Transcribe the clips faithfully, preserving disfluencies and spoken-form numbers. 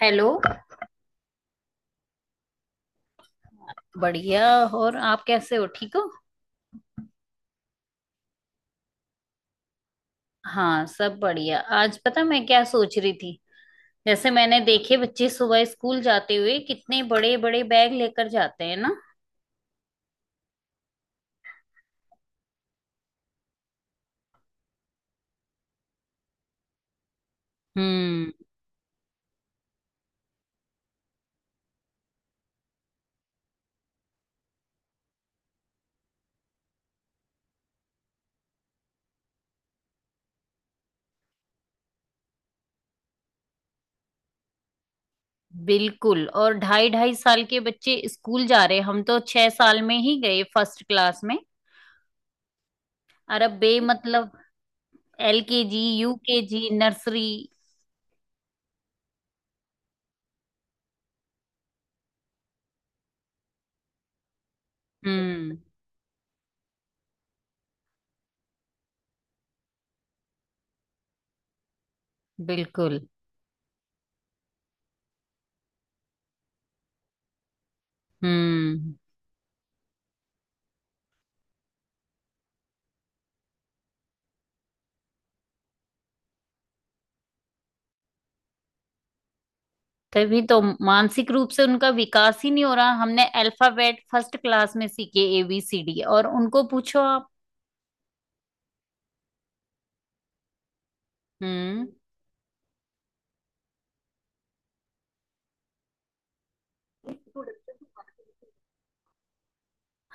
Hello. बढ़िया। और आप कैसे हो, ठीक हो? हाँ, सब बढ़िया। आज पता मैं क्या सोच रही थी, जैसे मैंने देखे बच्चे सुबह स्कूल जाते हुए कितने बड़े बड़े बैग लेकर जाते हैं ना। हम्म। बिल्कुल। और ढाई ढाई साल के बच्चे स्कूल जा रहे हैं, हम तो छह साल में ही गए फर्स्ट क्लास में। और अब बे मतलब L K G U K G nursery. हम्म। बिल्कुल। हम्म। तभी तो। मानसिक रूप से उनका विकास ही नहीं हो रहा। हमने अल्फाबेट फर्स्ट क्लास में सीखे ए बी सी डी, और उनको पूछो आप। हम्म।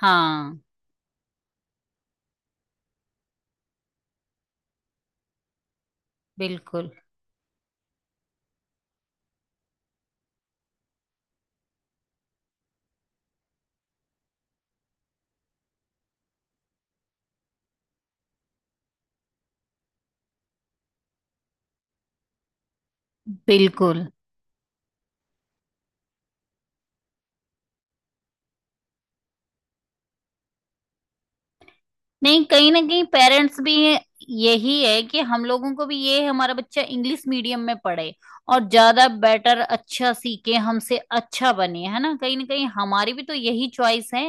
हाँ। बिल्कुल। बिल्कुल। नहीं, कहीं ना कहीं पेरेंट्स भी। यही है कि हम लोगों को भी ये है, हमारा बच्चा इंग्लिश मीडियम में पढ़े और ज्यादा बेटर अच्छा सीखे, हमसे अच्छा बने, है ना? कहीं ना कहीं हमारी भी तो यही चॉइस है।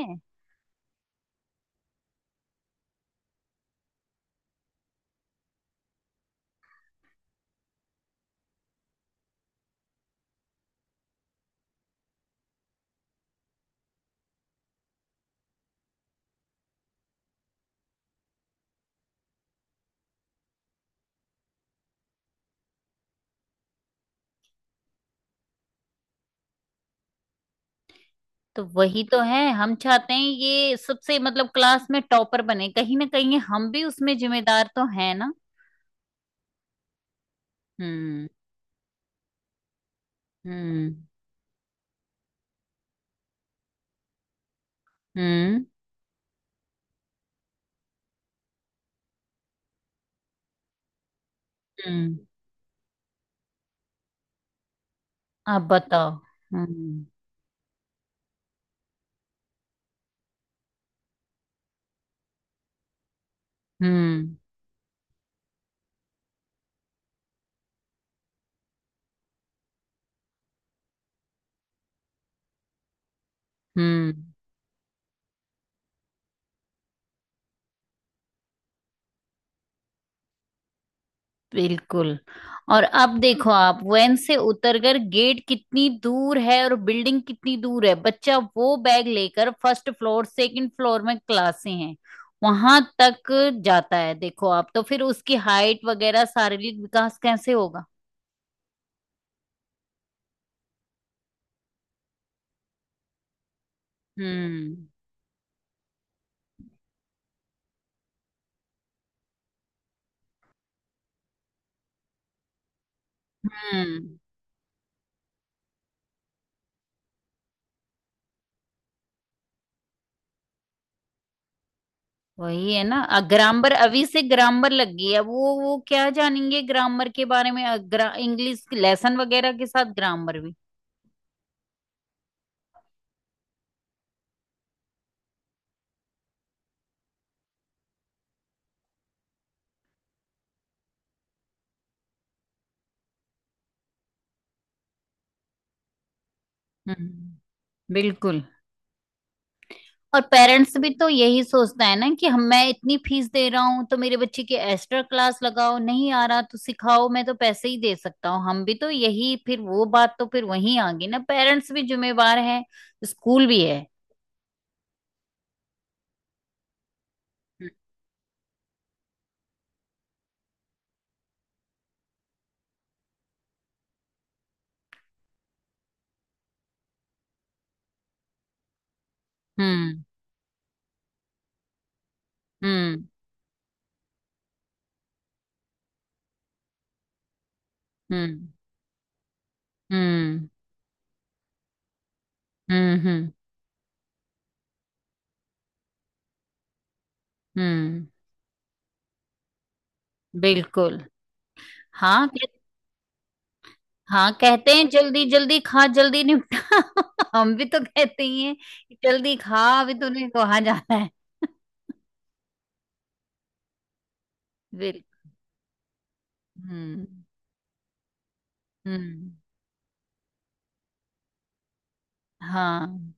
तो वही तो है, हम चाहते हैं ये सबसे मतलब क्लास में टॉपर बने, कहीं ना कहीं हम भी उसमें जिम्मेदार तो है ना। हम्म। हम्म। हम्म। हम्म। आप बताओ। हम्म। हम्म। हम्म। बिल्कुल। और अब देखो आप, वैन से उतरकर गेट कितनी दूर है और बिल्डिंग कितनी दूर है, बच्चा वो बैग लेकर फर्स्ट फ्लोर सेकंड फ्लोर में क्लासें हैं वहां तक जाता है, देखो आप। तो फिर उसकी हाइट वगैरह शारीरिक विकास कैसे होगा? हम्म। हम्म। वही है ना। ग्रामर, अभी से ग्रामर लग गई है। वो वो क्या जानेंगे ग्रामर के बारे में, अ, ग्रा, इंग्लिश लेसन वगैरह के साथ ग्रामर भी। हम्म। बिल्कुल। और पेरेंट्स भी तो यही सोचता है ना कि हम, मैं इतनी फीस दे रहा हूँ तो मेरे बच्चे की एक्स्ट्रा क्लास लगाओ, नहीं आ रहा तो सिखाओ, मैं तो पैसे ही दे सकता हूँ, हम भी तो यही। फिर वो बात तो फिर वहीं आ गई ना, पेरेंट्स भी जिम्मेवार है, स्कूल भी है। हम्म। हम्म। हम्म। हम्म। हम्म। हम्म। हम्म। बिल्कुल। हाँ कह, हाँ, कहते हैं जल्दी जल्दी खा, जल्दी निपटा। हम भी तो कहते ही हैं कि जल्दी खा, अभी तूने कहाँ जाना है। बिल्कुल। हम्म। हम्म। हाँ।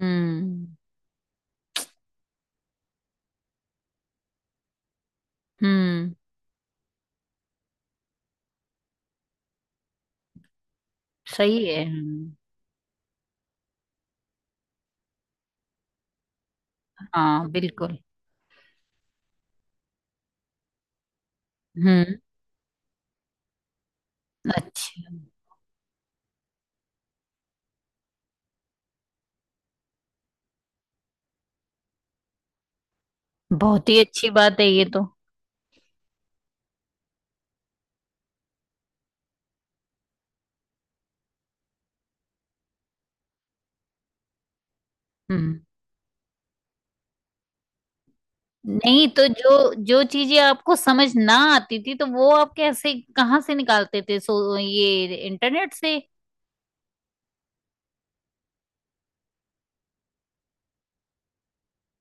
हम्म। हम्म। सही है। हम्म। हाँ, बिल्कुल। हम्म। अच्छा। बहुत ही अच्छी बात है ये तो। हम्म। नहीं, तो जो जो चीजें आपको समझ ना आती थी तो वो आप कैसे कहाँ से निकालते थे, सो ये इंटरनेट से?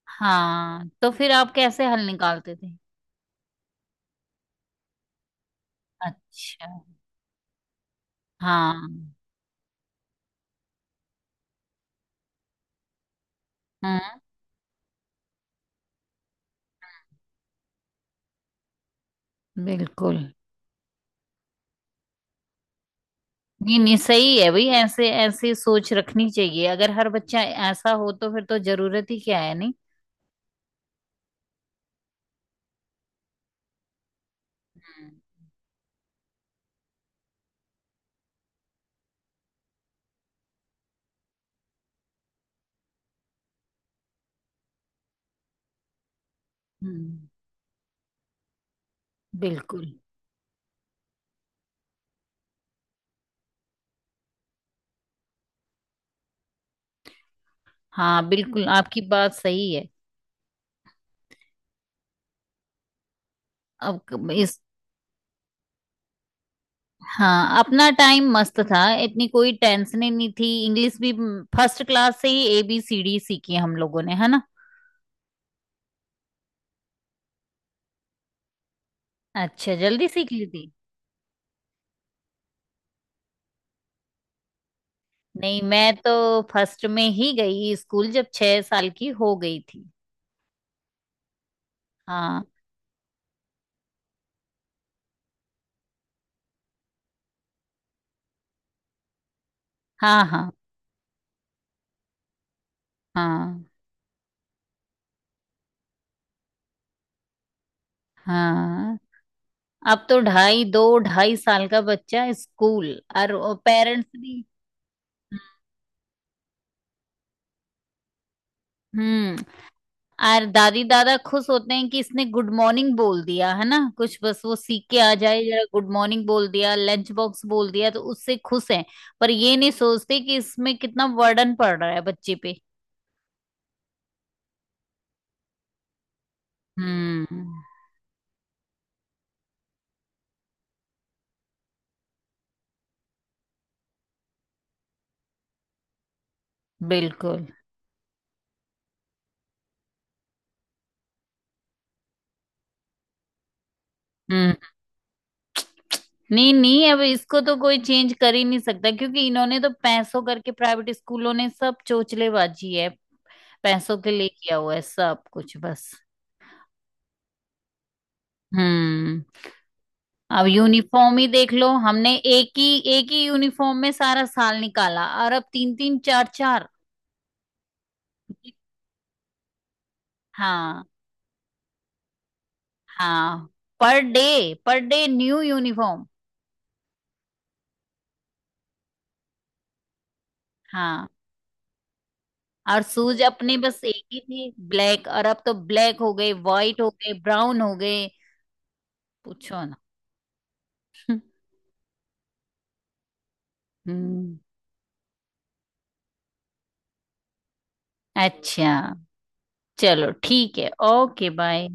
हाँ, तो फिर आप कैसे हल निकालते थे? अच्छा। हाँ। हम्म। बिल्कुल। नहीं नहीं, सही है भाई, ऐसे ऐसे सोच रखनी चाहिए। अगर हर बच्चा ऐसा हो तो फिर तो जरूरत ही क्या है। नहीं। हम्म। हम्म। बिल्कुल। हाँ बिल्कुल, आपकी बात सही है। अब क- इस। हाँ, अपना टाइम मस्त था, इतनी कोई टेंशन ही नहीं थी। इंग्लिश भी फर्स्ट क्लास से ही ए बी सी डी सीखी हम लोगों ने, है ना? अच्छा, जल्दी सीख ली थी। नहीं, मैं तो फर्स्ट में ही गई स्कूल, जब छह साल की हो गई थी। हाँ। हाँ। हाँ। हाँ। हाँ। अब तो ढाई दो, ढाई साल का बच्चा स्कूल, और पेरेंट्स भी। हम्म। और दादी दादा खुश होते हैं कि इसने गुड मॉर्निंग बोल दिया, है ना, कुछ बस वो सीख के आ जाए, जरा गुड मॉर्निंग बोल दिया, लंच बॉक्स बोल दिया तो उससे खुश हैं। पर ये नहीं सोचते कि इसमें कितना वर्डन पड़ रहा है बच्चे पे। हम्म। बिल्कुल। हम्म। नहीं नहीं, अब इसको तो कोई चेंज कर ही नहीं सकता, क्योंकि इन्होंने तो पैसों करके, प्राइवेट स्कूलों ने सब चोचलेबाजी है, पैसों के लिए किया हुआ है सब कुछ बस। हम्म। अब यूनिफॉर्म ही देख लो, हमने एक ही एक ही यूनिफॉर्म में सारा साल निकाला, और अब तीन तीन चार चार। हाँ। हाँ। Per day, per day new uniform. हाँ। और शूज अपने बस एक ही थे ब्लैक, और अब तो ब्लैक हो गए, व्हाइट हो गए, ब्राउन हो गए। पूछो ना। हम्म। अच्छा, चलो ठीक है, ओके बाय।